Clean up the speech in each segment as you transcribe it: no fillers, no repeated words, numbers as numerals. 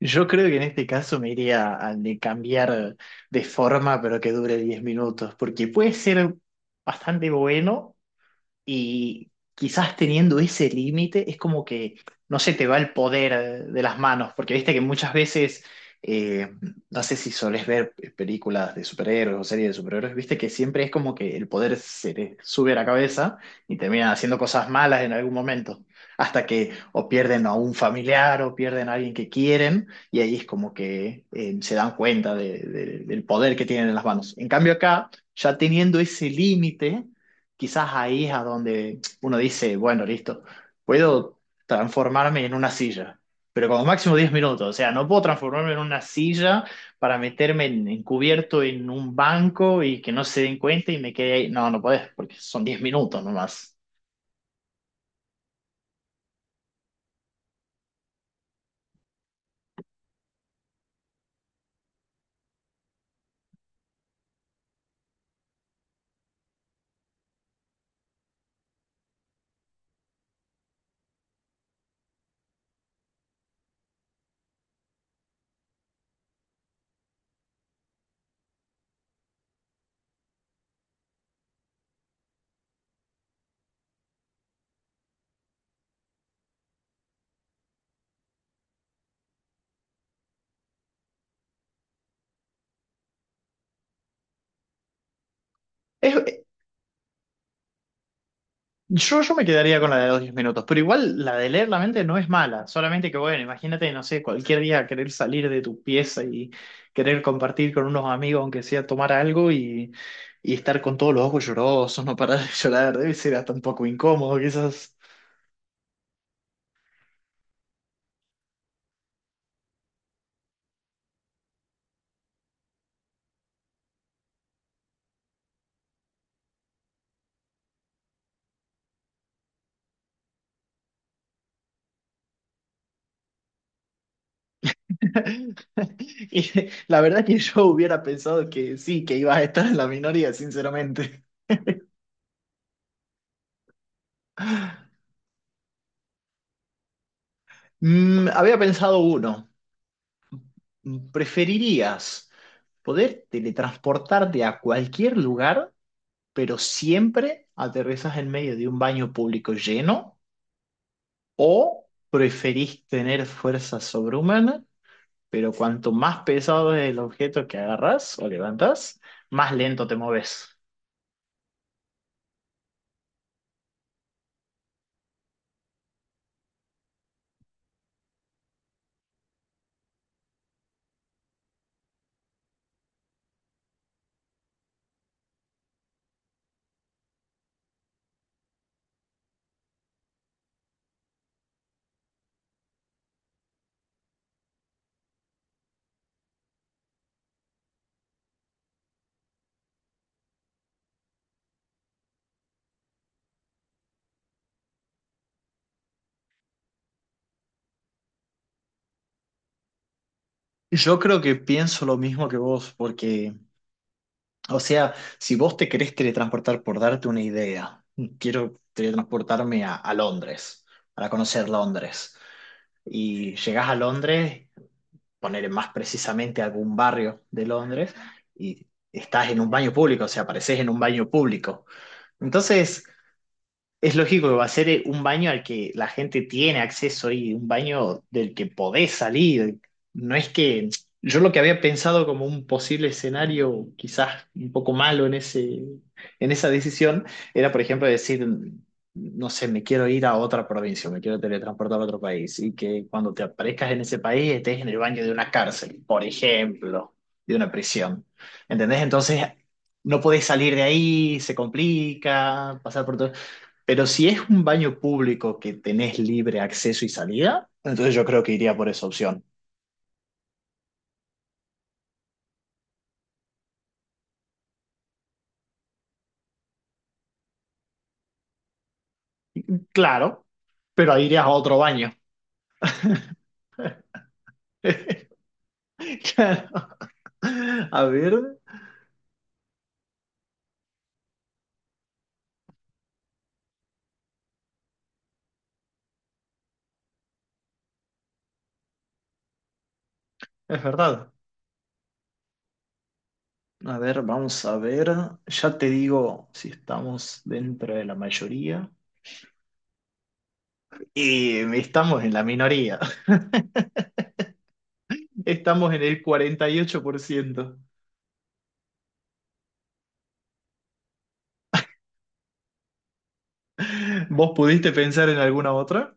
Yo creo que en este caso me iría al de cambiar de forma, pero que dure 10 minutos, porque puede ser bastante bueno y quizás teniendo ese límite es como que no se te va el poder de las manos, porque viste que muchas veces, eh, no sé si solés ver películas de superhéroes o series de superhéroes, viste que siempre es como que el poder se te sube a la cabeza y terminan haciendo cosas malas en algún momento, hasta que o pierden a un familiar o pierden a alguien que quieren y ahí es como que se dan cuenta del poder que tienen en las manos. En cambio acá, ya teniendo ese límite quizás ahí es a donde uno dice, bueno, listo, puedo transformarme en una silla, pero como máximo 10 minutos, o sea, no puedo transformarme en una silla para meterme encubierto en un banco y que no se den cuenta y me quede ahí. No, no podés, porque son 10 minutos nomás. Yo me quedaría con la de los 10 minutos, pero igual la de leer la mente no es mala, solamente que bueno, imagínate, no sé, cualquier día querer salir de tu pieza y querer compartir con unos amigos, aunque sea tomar algo y estar con todos los ojos llorosos, no parar de llorar, debe ser hasta un poco incómodo, quizás. Y la verdad que yo hubiera pensado que sí, que ibas a estar en la minoría, sinceramente. Mm, había pensado uno. ¿Preferirías poder teletransportarte a cualquier lugar, pero siempre aterrizas en medio de un baño público lleno? ¿O preferís tener fuerza sobrehumana, pero cuanto más pesado es el objeto que agarras o levantas, más lento te moves? Yo creo que pienso lo mismo que vos, porque, o sea, si vos te querés teletransportar, por darte una idea, quiero teletransportarme a Londres, para conocer Londres. Y llegás a Londres, poner más precisamente algún barrio de Londres, y estás en un baño público, o sea, apareces en un baño público. Entonces, es lógico que va a ser un baño al que la gente tiene acceso y un baño del que podés salir. No es que yo lo que había pensado como un posible escenario, quizás un poco malo en en esa decisión, era, por ejemplo, decir, no sé, me quiero ir a otra provincia, me quiero teletransportar a otro país y que cuando te aparezcas en ese país estés en el baño de una cárcel, por ejemplo, de una prisión. ¿Entendés? Entonces no podés salir de ahí, se complica, pasar por todo. Pero si es un baño público que tenés libre acceso y salida, entonces yo creo que iría por esa opción. Claro, pero ahí irías a otro baño. Claro. A ver, es verdad. A ver, vamos a ver. Ya te digo si estamos dentro de la mayoría. Y estamos en la minoría. Estamos en el 48%. ¿Vos pudiste pensar en alguna otra?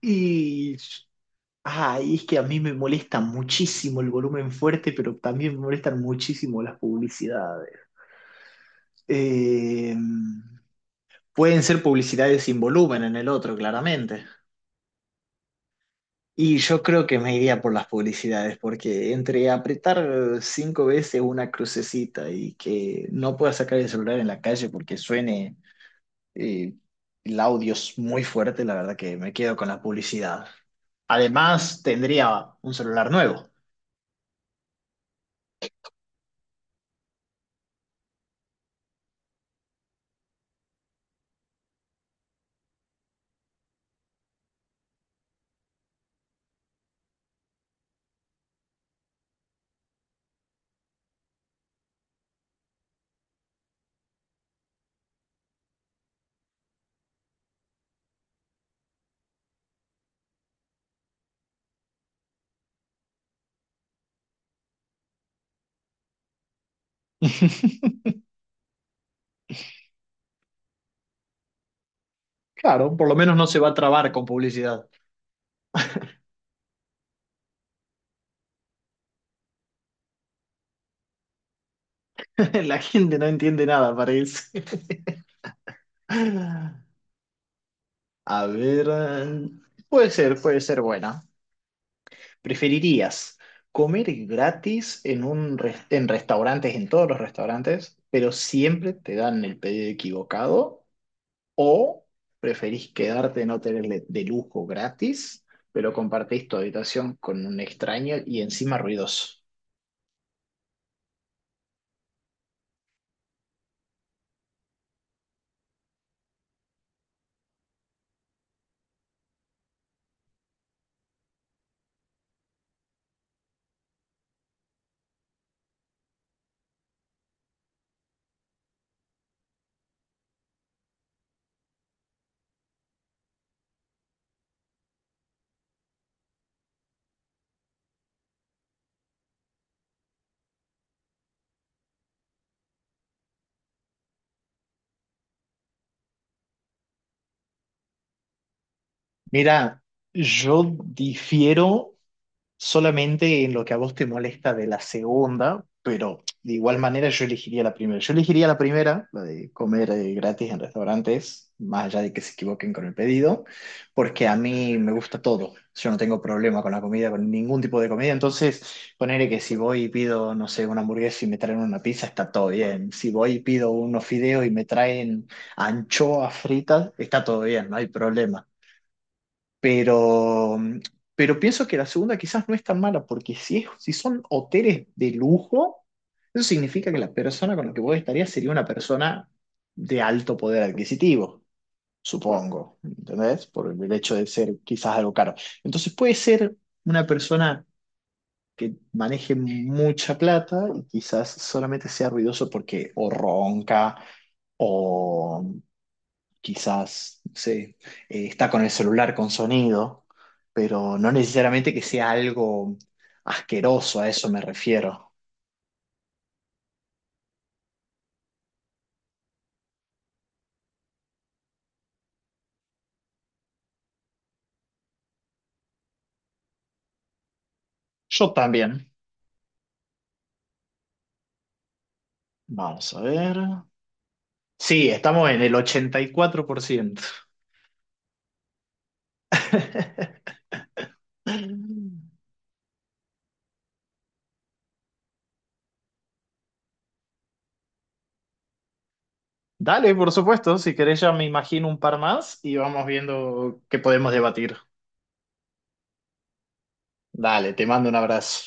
Y Ah, y es que a mí me molesta muchísimo el volumen fuerte, pero también me molestan muchísimo las publicidades. Eh, pueden ser publicidades sin volumen en el otro, claramente. Y yo creo que me iría por las publicidades, porque entre apretar cinco veces una crucecita y que no pueda sacar el celular en la calle porque suene eh, el audio es muy fuerte, la verdad que me quedo con la publicidad. Además, tendría un celular nuevo. Claro, por lo menos no se va a trabar con publicidad. La gente no entiende nada, parece. A ver, puede ser buena. ¿Preferirías comer gratis en en restaurantes, en todos los restaurantes, pero siempre te dan el pedido equivocado? ¿O preferís quedarte en hoteles de lujo gratis, pero compartís tu habitación con un extraño y encima ruidoso? Mira, yo difiero solamente en lo que a vos te molesta de la segunda, pero de igual manera yo elegiría la primera. Yo elegiría la primera, la de comer gratis en restaurantes, más allá de que se equivoquen con el pedido, porque a mí me gusta todo. Yo no tengo problema con la comida, con ningún tipo de comida. Entonces, ponerle que si voy y pido, no sé, una hamburguesa y me traen una pizza, está todo bien. Si voy y pido unos fideos y me traen anchoas fritas, está todo bien, no hay problema. Pero, mm, pero pienso que la segunda quizás no es tan mala, porque si son hoteles de lujo, eso significa que la persona con la que vos estarías sería una persona de alto poder adquisitivo, supongo, ¿entendés? Por el hecho de ser quizás algo caro. Entonces puede ser una persona que maneje mucha plata y quizás solamente sea ruidoso porque o ronca o quizás, no sé, está con el celular con sonido, pero no necesariamente que sea algo asqueroso, a eso me refiero. Yo también. Vamos a ver. Sí, estamos en el 84%. Dale, por supuesto, si querés ya me imagino un par más y vamos viendo qué podemos debatir. Dale, te mando un abrazo.